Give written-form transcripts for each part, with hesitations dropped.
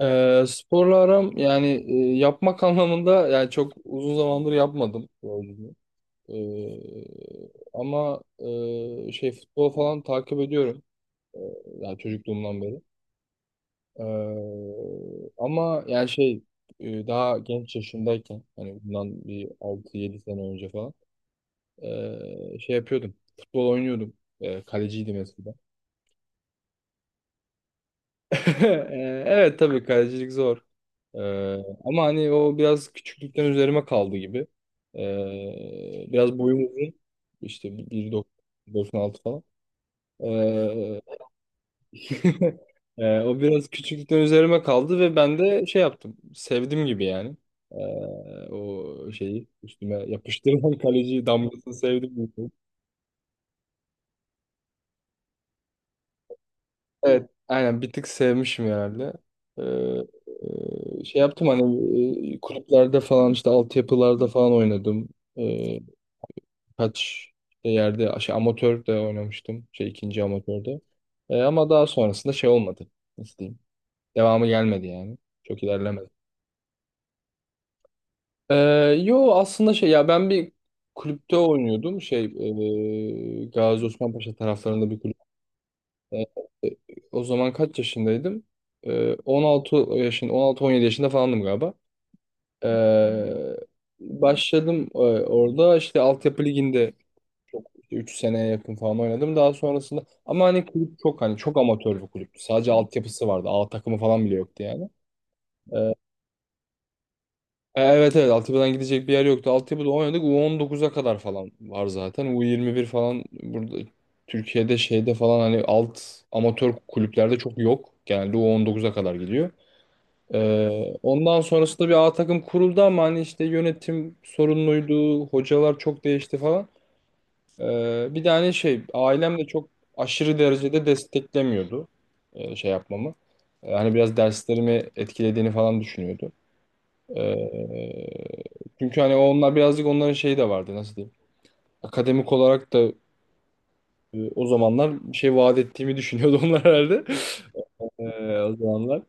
Sporla aram yani yapmak anlamında yani çok uzun zamandır yapmadım sporculuğu. Ee, ama şey futbol falan takip ediyorum. Ee, Yani çocukluğumdan beri. Ama yani şey daha genç yaşımdayken hani bundan bir 6-7 sene önce falan şey yapıyordum. Futbol oynuyordum. Kaleciydim eskiden. Evet, tabii kalecilik zor. Ee, Ama hani o biraz küçüklükten üzerime kaldı gibi. Biraz boyum uzun. İşte 1,96 falan. Ee, o biraz küçüklükten üzerime kaldı ve ben de şey yaptım. Sevdim gibi yani. Ee, O şeyi üstüme yapıştırılan kaleci damgasını sevdim. Evet, aynen bir tık sevmişim herhalde. Ee, Şey yaptım, hani kulüplerde falan, işte altyapılarda falan oynadım. Ee, Kaç yerde şey, amatör de oynamıştım. Şey, ikinci amatörde. Ama daha sonrasında şey olmadı. Nasıl diyeyim? Devamı gelmedi yani. Çok ilerlemedi. Ee, Yo, aslında şey, ya ben bir kulüpte oynuyordum. Şey, Gazi Osman Paşa taraflarında bir kulüp. Ee, E, O zaman kaç yaşındaydım? 16 yaşında, 16-17 yaşında falandım galiba. E, Başladım, orada işte altyapı liginde çok 3 seneye yakın falan oynadım. Daha sonrasında ama hani kulüp çok, hani çok amatör bir kulüptü. Sadece altyapısı vardı. A takımı falan bile yoktu yani. Evet, evet, altyapıdan gidecek bir yer yoktu. Altyapıda oynadık. U19'a kadar falan var zaten. U21 falan burada Türkiye'de şeyde falan, hani alt amatör kulüplerde çok yok. Genelde U19'a kadar gidiyor. Ondan sonrasında bir A takım kuruldu, ama hani işte yönetim sorunluydu, hocalar çok değişti falan. Bir de hani şey, ailem de çok aşırı derecede desteklemiyordu şey yapmamı. Hani biraz derslerimi etkilediğini falan düşünüyordu. Ee, Çünkü hani onlar birazcık, onların şeyi de vardı, nasıl diyeyim. Akademik olarak da o zamanlar bir şey vaat ettiğimi düşünüyordu onlar herhalde. O zamanlar.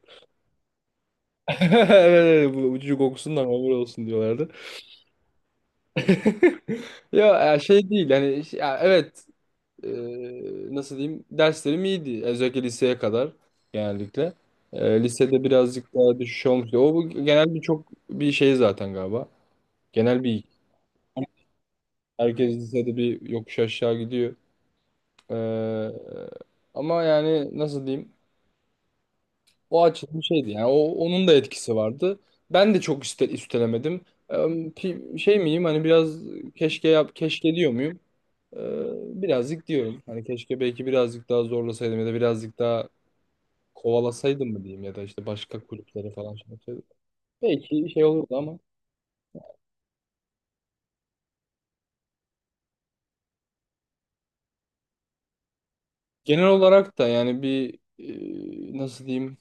Evet, evet, bu ucu kokusundan ömür olsun diyorlardı. Ya, şey değil yani, ya, evet. e, Nasıl diyeyim, derslerim iyiydi, özellikle liseye kadar genellikle. Lisede birazcık daha düşüş olmuştu. O bu genel bir, çok bir şey zaten galiba. Genel bir, herkes lisede bir yokuş aşağı gidiyor. E, Ama yani nasıl diyeyim, o açıdan bir şeydi yani, o, onun da etkisi vardı. Ben de çok üstelemedim. E, Şey miyim, hani biraz keşke, yap keşke diyor muyum? Ee, Birazcık diyorum. Hani keşke belki birazcık daha zorlasaydım, ya da birazcık daha kovalasaydım mı diyeyim, ya da işte başka kulüplere falan şey yapsaydım. Belki şey olurdu, ama genel olarak da yani bir, nasıl diyeyim,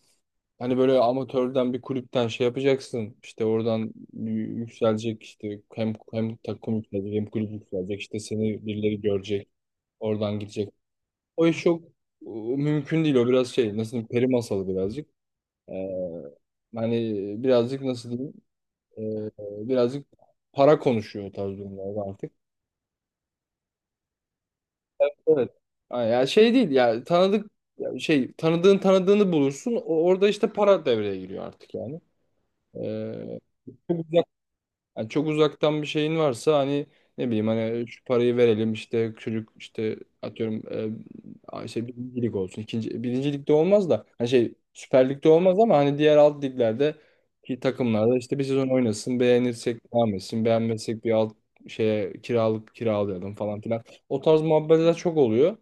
hani böyle amatörden bir kulüpten şey yapacaksın, işte oradan yükselecek, işte hem takım yükselecek hem kulüp yükselecek, işte seni birileri görecek, oradan gidecek. O iş çok e, mümkün değil, o biraz şey, nasıl diyeyim, peri masalı birazcık. Ee, Hani birazcık, nasıl diyeyim? Ee, Birazcık para konuşuyor o tarz durumlarda artık. Evet. Ha, ya şey değil, ya tanıdık, ya şey, tanıdığın tanıdığını bulursun, orada işte para devreye giriyor artık yani. Ee, Çok uzak, yani çok uzaktan bir şeyin varsa, hani ne bileyim, hani şu parayı verelim, işte çocuk işte, atıyorum şey birinci lig olsun. İkinci birinci ligde olmaz da hani şey, Süper Lig'de olmaz, ama hani diğer alt liglerde ki takımlarda işte bir sezon oynasın, beğenirsek devam etsin, beğenmezsek bir alt şeye kiralık, kiralayalım falan filan. O tarz muhabbetler çok oluyor.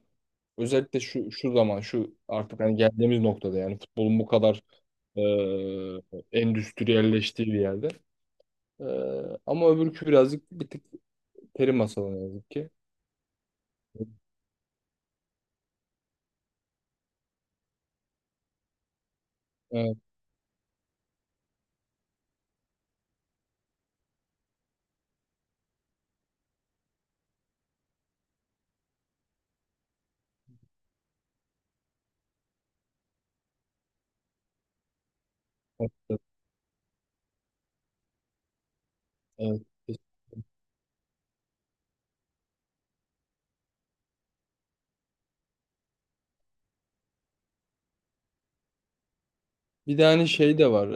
Özellikle şu şu zaman, şu artık, hani geldiğimiz noktada, yani futbolun bu kadar e, endüstriyelleştiği bir yerde. Ee, Ama öbürkü birazcık, bir tık peri masalı ne yazık ki. Evet, evet, evet. Bir de hani şey de var.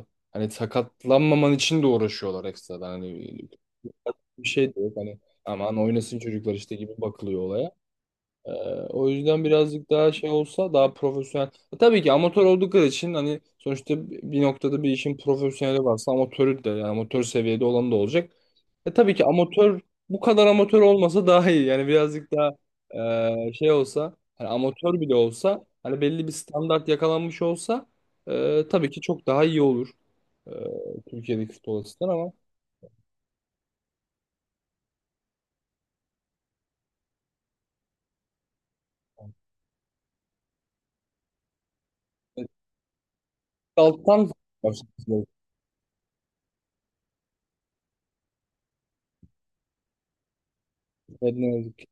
e, Hani sakatlanmaman için de uğraşıyorlar ekstradan. Hani bir şey de yok. Hani aman oynasın çocuklar işte gibi bakılıyor olaya. Ee, O yüzden birazcık daha şey olsa, daha profesyonel. Tabii ki amatör oldukları için hani, sonuçta bir noktada bir işin profesyoneli varsa amatörü de, yani amatör seviyede olan da olacak. Tabii ki amatör, bu kadar amatör olmasa daha iyi. Yani birazcık daha şey olsa, hani amatör bile olsa hani belli bir standart yakalanmış olsa tabii ki çok daha iyi olur, e, Türkiye'deki futbol açısından, ama e, alttan başlamak gerekiyor. Evet, ne yazık ki.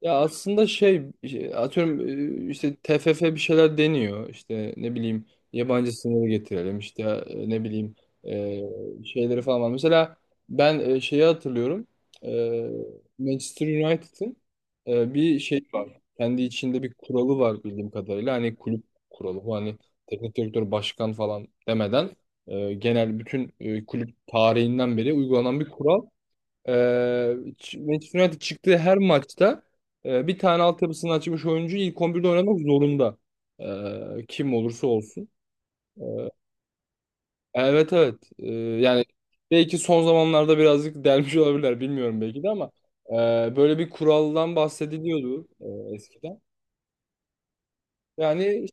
Ya aslında şey, atıyorum işte TFF bir şeyler deniyor, işte ne bileyim, yabancı sınırı getirelim işte, ne bileyim şeyleri falan var. Mesela ben şeyi hatırlıyorum. E, Manchester United'ın bir şey var, kendi içinde bir kuralı var bildiğim kadarıyla, hani kulüp kuralı bu, hani teknik direktör, başkan falan demeden genel, bütün kulüp tarihinden beri uygulanan bir kural. Ee, Manchester United çıktığı her maçta bir tane altyapısını açmış oyuncu ilk 11'de oynamak zorunda. Kim olursa olsun. Ee, evet, evet. Yani belki son zamanlarda birazcık delmiş olabilirler, bilmiyorum, belki de, ama böyle bir kuraldan bahsediliyordu eskiden. Yani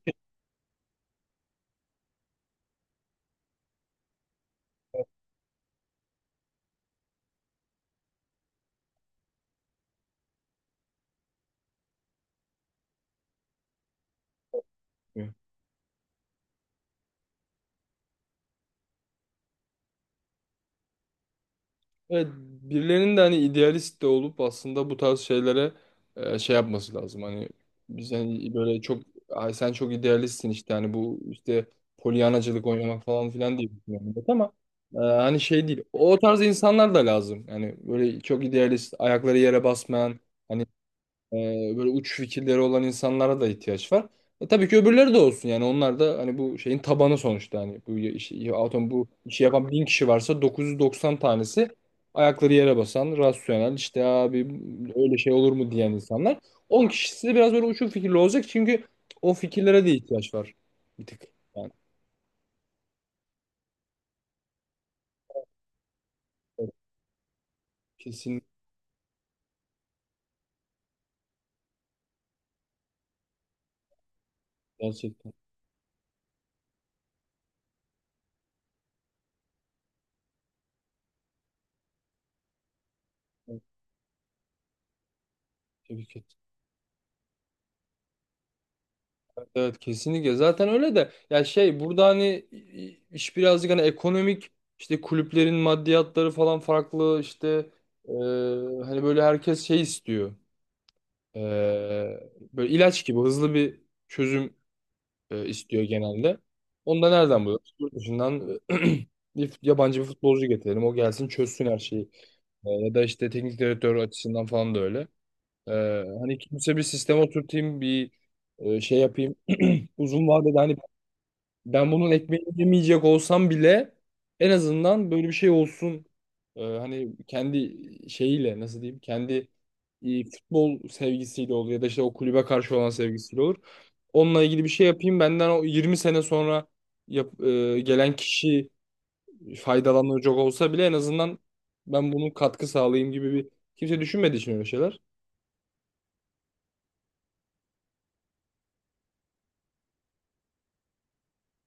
işte, evet, birilerinin de hani idealist de olup aslında bu tarz şeylere şey yapması lazım. Hani biz hani böyle çok, ay sen çok idealistsin işte, hani bu işte polyanacılık oynamak falan filan diye düşünüyorum, evet, ama hani şey değil. O tarz insanlar da lazım. Yani böyle çok idealist, ayakları yere basmayan, hani ee, böyle uç fikirleri olan insanlara da ihtiyaç var. Tabii ki öbürleri de olsun yani, onlar da hani bu şeyin tabanı sonuçta, hani bu işi, atom bu işi yapan bin kişi varsa 990 tanesi ayakları yere basan, rasyonel, işte abi öyle şey olur mu diyen insanlar. 10 kişisi de biraz böyle uçuk fikirli olacak, çünkü o fikirlere de ihtiyaç var bir tık yani. Evet, kesin gerçekten. Evet, tebrik ederim. Evet, kesinlikle zaten öyle de, ya şey, burada hani iş birazcık hani ekonomik, işte kulüplerin maddiyatları falan farklı, işte e, hani böyle herkes şey istiyor, E, böyle ilaç gibi hızlı bir çözüm istiyor genelde. Onu da nereden buluyoruz? Yurt dışından bir yabancı bir futbolcu getirelim, o gelsin çözsün her şeyi. Ya da işte teknik direktör açısından falan da öyle. E, Hani kimse bir sisteme oturtayım, bir şey yapayım uzun vadede, hani ben bunun ekmeğini yemeyecek olsam bile en azından böyle bir şey olsun. Hani kendi şeyiyle, nasıl diyeyim? Kendi futbol sevgisiyle olur, ya da işte o kulübe karşı olan sevgisiyle olur. Onunla ilgili bir şey yapayım, benden o 20 sene sonra gelen kişi faydalanacak olsa bile, en azından ben bunun katkı sağlayayım gibi bir, kimse düşünmediği için öyle şeyler.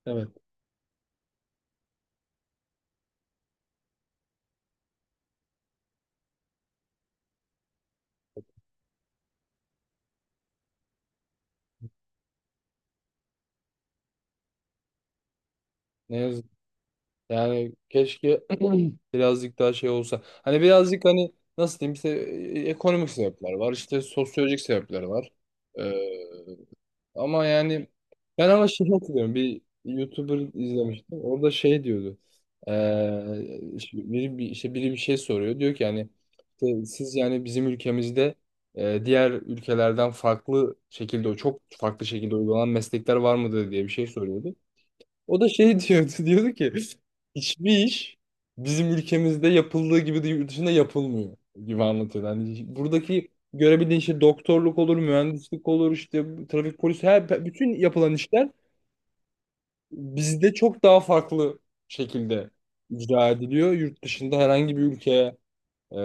Evet. Ne yazık. Yani keşke birazcık daha şey olsa. Hani birazcık, hani nasıl diyeyim, işte ekonomik sebepler var, işte sosyolojik sebepler var. Ee, Ama yani ben, ama şey hatırlıyorum. Bir YouTuber izlemiştim. Orada şey diyordu. İşte işte biri bir şey soruyor. Diyor ki yani, işte siz yani bizim ülkemizde diğer ülkelerden farklı şekilde, çok farklı şekilde uygulanan meslekler var mıdır, diye bir şey soruyordu. O da şey diyordu, diyordu ki hiçbir iş bizim ülkemizde yapıldığı gibi de yurt dışında yapılmıyor gibi anlatıyordu. Hani buradaki görebildiğin şey, doktorluk olur, mühendislik olur, işte trafik polisi, her, bütün yapılan işler bizde çok daha farklı şekilde icra ediliyor, yurt dışında herhangi bir ülkeye e,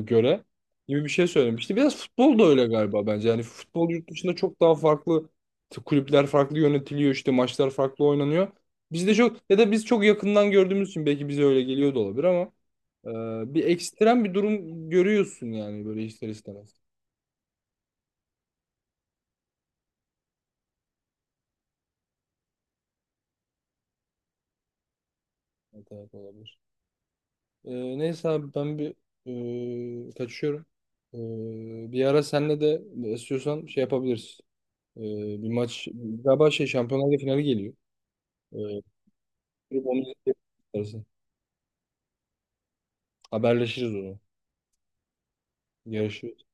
göre, gibi bir şey söylemişti. Biraz futbol da öyle galiba bence. Yani futbol yurt dışında çok daha farklı, kulüpler farklı yönetiliyor, işte maçlar farklı oynanıyor. Bizde çok, ya da biz çok yakından gördüğümüz için belki bize öyle geliyor da olabilir, ama bir ekstrem bir durum görüyorsun yani, böyle ister istemez. Evet, evet, olabilir. Neyse abi, ben bir kaçıyorum. Bir ara senle de, istiyorsan şey yapabiliriz. E, Bir maç galiba, şey, Şampiyonlar Ligi finali geliyor. Grup omuz istersen. Haberleşiriz onu. Görüşürüz.